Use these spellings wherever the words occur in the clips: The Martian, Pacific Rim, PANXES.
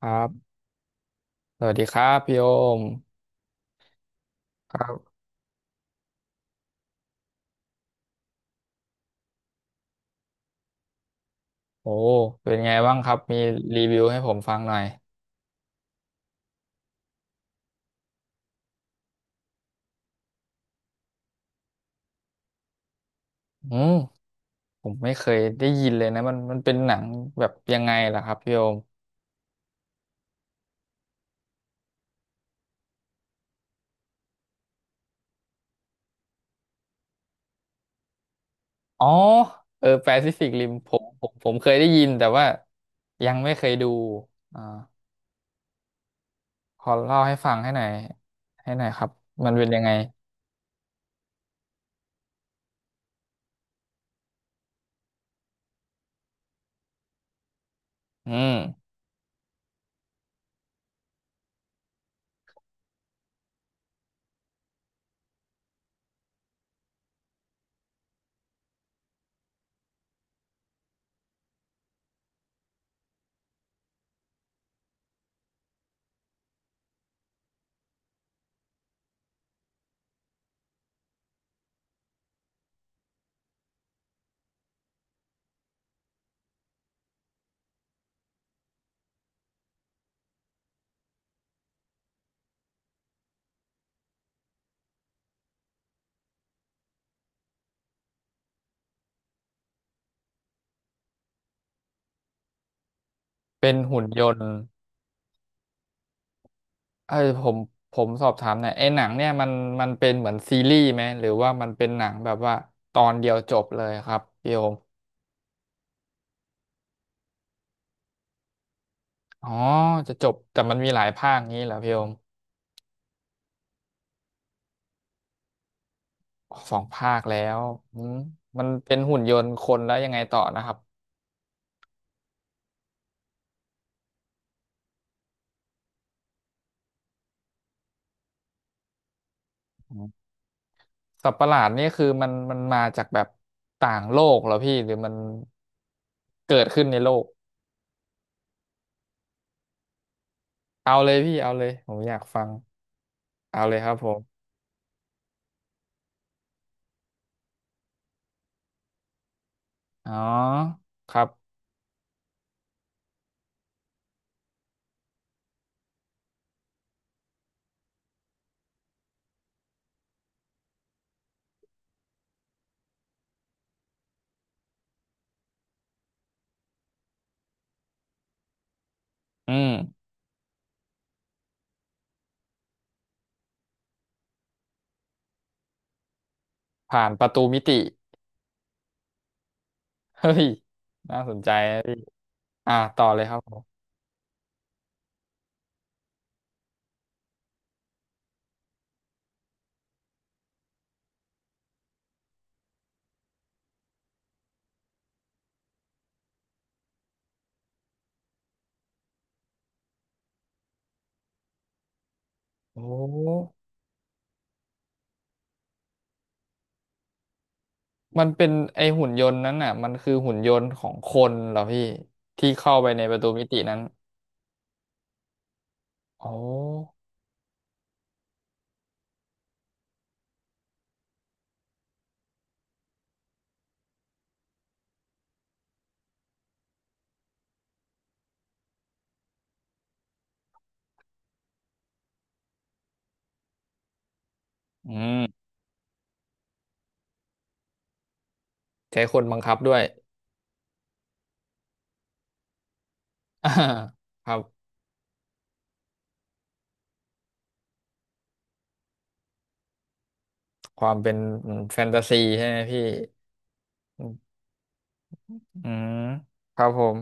ครับสวัสดีครับพี่โอมครับโอ้เป็นไงบ้างครับมีรีวิวให้ผมฟังหน่อยอืมผมไม่เคยได้ยินเลยนะมันเป็นหนังแบบยังไงล่ะครับพี่โอมอ๋อเออแปซิฟิกริมผมเคยได้ยินแต่ว่ายังไม่เคยดูอ่าขอเล่าให้ฟังให้หน่อยให้หน่อยครับมันเป็นยังไงอืมเป็นหุ่นยนต์ เออผมสอบถามหน่อยไอ้หนังเนี่ยมันเป็นเหมือนซีรีส์ไหมหรือว่ามันเป็นหนังแบบว่าตอนเดียวจบเลยครับพี่โอมอ๋อจะจบแต่มันมีหลายภาคงี้เหรอพี่โอมอ๋อสองภาคแล้วอืมมันเป็นหุ่นยนต์คนแล้วยังไงต่อนะครับอืมสัตว์ประหลาดนี่คือมันมาจากแบบต่างโลกเหรอพี่หรือมันเกิดขึ้นในโลกเอาเลยพี่เอาเลยผมอยากฟังเอาเลยครับผมอ๋อครับอืมผ่านประตูมิติ เฮ้ยน่าสนใจนะพี่อ่าต่อเลยครับผมโอ้มันเป็นไอหุ่นยนต์นั้นน่ะมันคือหุ่นยนต์ของคนเหรอพี่ที่เข้าไปในประตูมิตินั้นโอ้อืมใช้คนบังคับด้วย อ่าครับความเป็นแฟนตาซีใช่ไหมพี่อืมอืมครับผม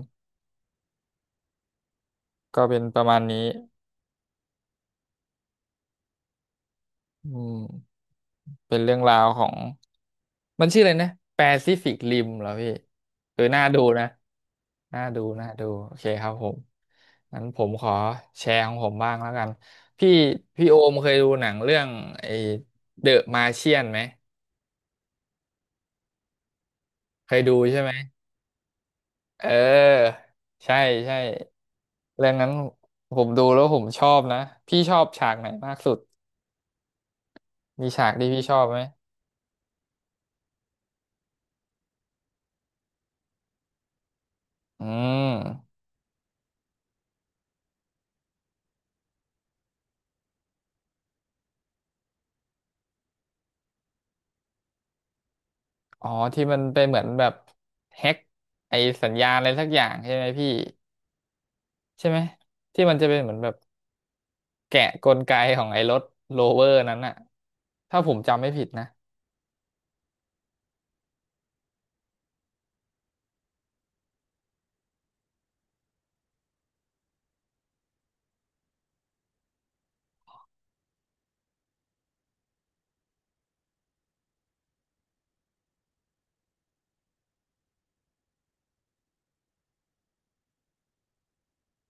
ก็เป็นประมาณนี้อืมเป็นเรื่องราวของมันชื่ออะไรนะ Pacific Rim เหรอพี่เออน่าดูนะ น่าดูน่าดูโอเคครับผมงั้นผมขอแชร์ของผมบ้างแล้วกันพี่พี่โอมเคยดูหนังเรื่องไอ้เดอะมาเชียนไหมเคยดูใช่ไหมเออใช่ใช่เรื่องนั้นผมดูแล้วผมชอบนะพี่ชอบฉากไหนมากสุดมีฉากที่พี่ชอบไหมอืมอ๋อที่มันไปเหมือนแบบแฮ็กไอ้สัญญาณอะไรสักอย่างใช่ไหมพี่ใช่ไหมที่มันจะเป็นเหมือนแบบ แกะกลไกของไอ้รถโรเวอร์นั้นอะถ้าผมจำไม่ผิดนะ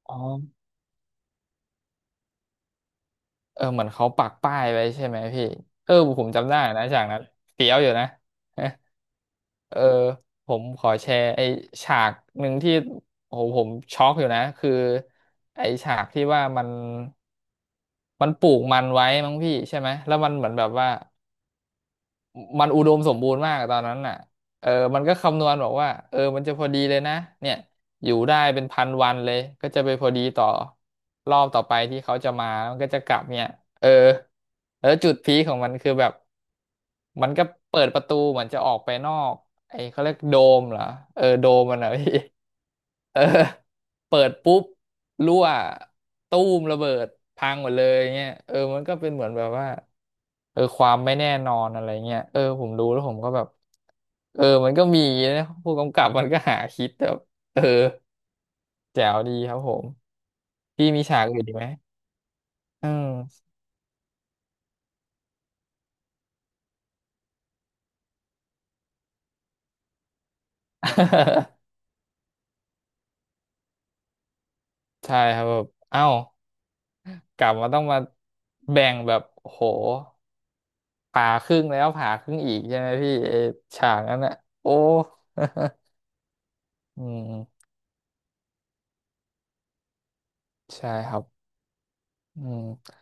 อ๋อเออเหมือนเขาปักป้ายไว้ใช่ไหมพี่ เออผมจำได้นะฉากนั้นเฟี้ยวอยู่นะ เออผมขอแชร์ไอ้ฉากหนึ่งที่โอ้โหผมช็อกอยู่นะ คือไอ้ฉากที่ว่ามันมันปลูกมันไว้มั้งพี่ใช่ไหมแล้วมันเหมือนแบบว่า มันอุดมสมบูรณ์มากตอนนั้นน่ะเออมันก็คำนวณบอกว่าเออมันจะพอดีเลยนะเนี่ยอยู่ได้เป็นพันวันเลยก็จะไปพอดีต่อรอบต่อไปที่เขาจะมามันก็จะกลับเนี่ยเออแล้วจุดพีคของมันคือแบบมันก็เปิดประตูเหมือนจะออกไปนอกไอ้เขาเรียกโดมเหรอเออโดมมันอะพี่เออเปิดปุ๊บรั่วตู้มระเบิดพังหมดเลยเงี้ยเออมันก็เป็นเหมือนแบบว่า เออความไม่แน่นอนอะไรเงี้ยเออผมดูแล้วผมก็แบบเออมันก็มีนะผู้กำกับมันก็หาคิดแบบเออแจ๋วดีครับผมพี่มีฉากอื่นอีกไหมอืม ใช่ครับแบบเอ้ากลับมาต้องมาแบ่งแบบโหผ่าครึ่งแล้วผ่าครึ่งอีกใช่ไหมพี่ไอ้ฉากนั้นอะโอ้ อืมใช่ครับอืม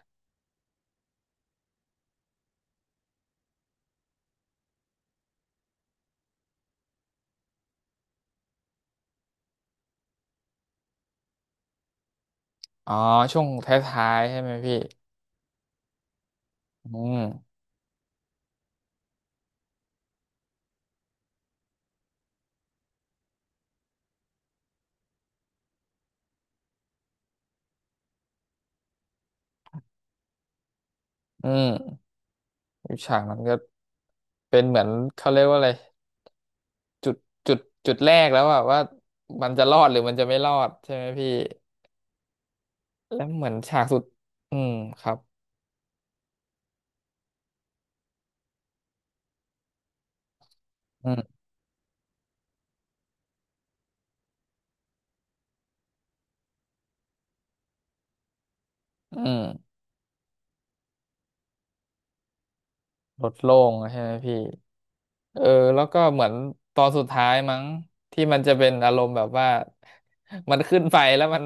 อ๋อช่วงท้ายๆใช่ไหมพี่อืมอืม อีกฉากนั้นก็เป็นเหมือนเขาเรียกว่าอะไรจุดจุดจุดแรกแล้วอะว่ามันจะรอดหรือมันจะไม่รอดใช่ไหมพี่แล้วเหมือนฉากสุดอืมครับอืมอืมลดโล่งใช่ไหมพี่เออแล้วก็เหมือนตอนสุดท้ายมั้งที่มันจะเป็นอารมณ์แบบว่า มันขึ้นไปแล้วมัน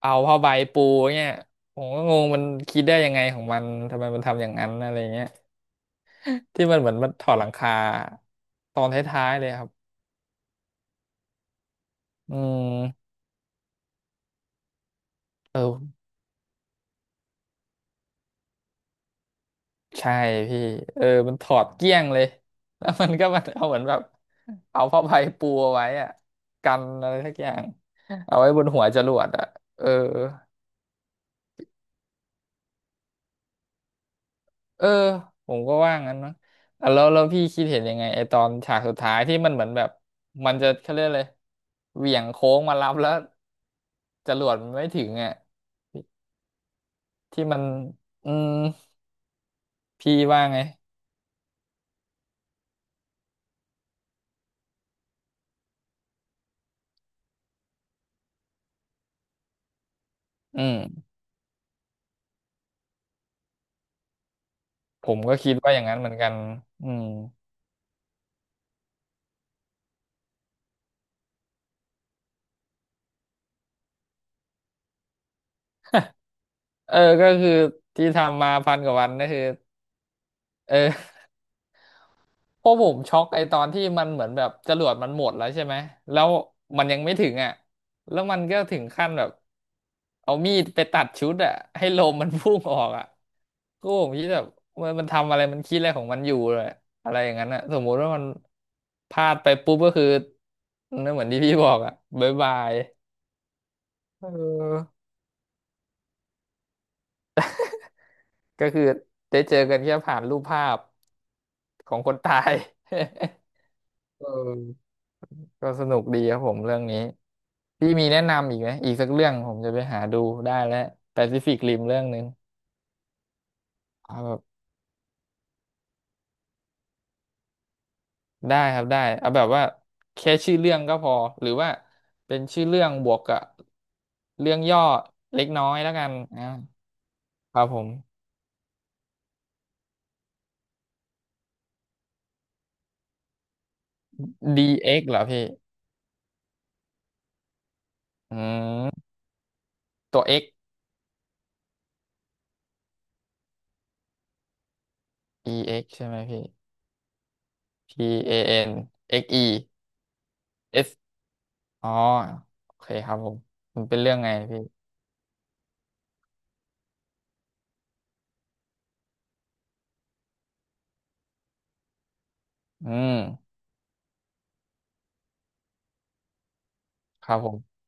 เอาผ้าใบปูเนี่ยผมก็งงมันคิดได้ยังไงของมันทำไมมันทำอย่างนั้นอะไรเงี้ยที่มันเหมือนมันถอดหลังคาตอนท้ายๆเลยครับอืม เออใช่พี่เออมันถอดเกลี้ยงเลย แล้วมันเอาเหมือนแบบเอาผ้าใบปูเอาไว้อะกันอะไรสักอย่าง เอาไว้บนหัวจรวดอะเออเออผมก็ว่างั้นนะอ่ะแล้วพี่คิดเห็นยังไงไอตอนฉากสุดท้ายที่มันเหมือนแบบมันจะเขาเรียกเลยเหวี่ยงโค้งมารับแล้วจรวดมันไม่ถึงอ่ะที่มันอืมพี่ว่าไงอืมผมก็คิดว่าอย่างนั้นเหมือนกันอืม เออก็คือที่ทำมาพันกว่าวันก็คือเออพวกผมช็อกไอตอนที่มันเหมือนแบบจรวดมันหมดแล้วใช่ไหมแล้วมันยังไม่ถึงอ่ะแล้วมันก็ถึงขั้นแบบเอามีดไปตัดชุดอ่ะให้ลมมันพุ่งออกอ่ะก็ผมคิดแบบมันทำอะไรมันคิดอะไรของมันอยู่เลยอะไรอย่างนั้นอ่ะสมมุติว่ามันพลาดไปปุ๊บก็คือนั่นเหมือนที่พี่บอกอ่ะบ๊ายบายเออก็คือได้เจอกันแค่ผ่านรูปภาพของคนตาย เออก็สนุกดีครับผมเรื่องนี้พี่มีแนะนำอีกไหมอีกสักเรื่องผมจะไปหาดูได้แล้วแปซิฟิกริมเรื่องหนึ่งเอาแบบได้ครับได้เอาแบบว่าแค่ชื่อเรื่องก็พอหรือว่าเป็นชื่อเรื่องบวกกับเรื่องย่อเล็กน้อยแล้วกันอ่าครับผมดีเอ็กซ์เหรอพี่อืมตัว X EX ใช่ไหมพี่ P A N X E S อ๋อโอเคครับผมมันเป็นเรื่องไงพี่อืมครับผม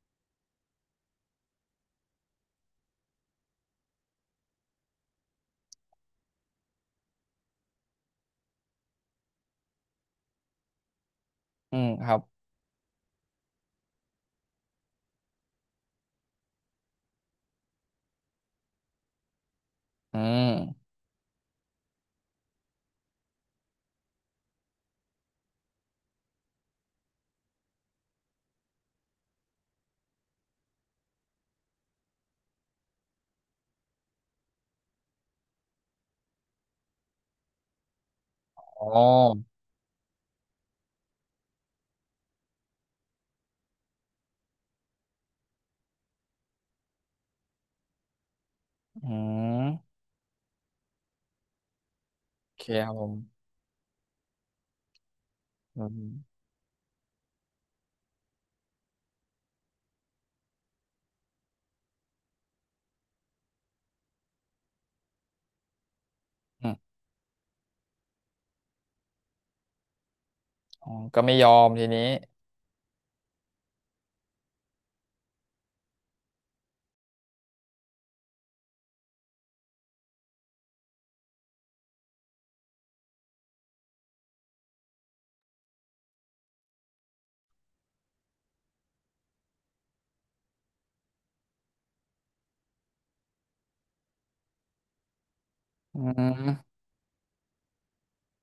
อืมครับ อืมอ๋ออืมโอเคครับผมอืมอืมอ๋อก็ไม่ยอมทีนี้อืม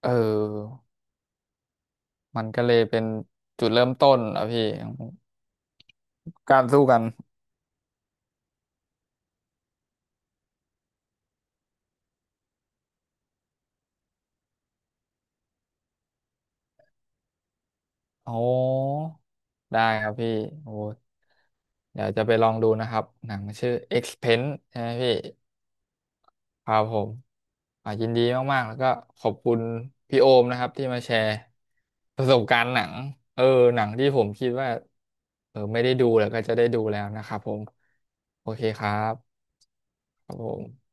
เออมันก็เลยเป็นจุดเริ่มต้นอ่ะพี่ของการสู้กันโอ้ได้ครับพี่โอ้เดี๋ยวจะไปลองดูนะครับ หนังชื่อ Expense ใช่ไหมพี่ ครับผมอ่ายินดีมากๆ แล้วก็ขอบคุณพี่โอมนะครับที่มาแชร์ประสบการณ์หนังเออหนังที่ผมคิดว่าเออไม่ได้ดูแล้วก็จะได้ดูแล้วนะครับผมโอเคครับครับผม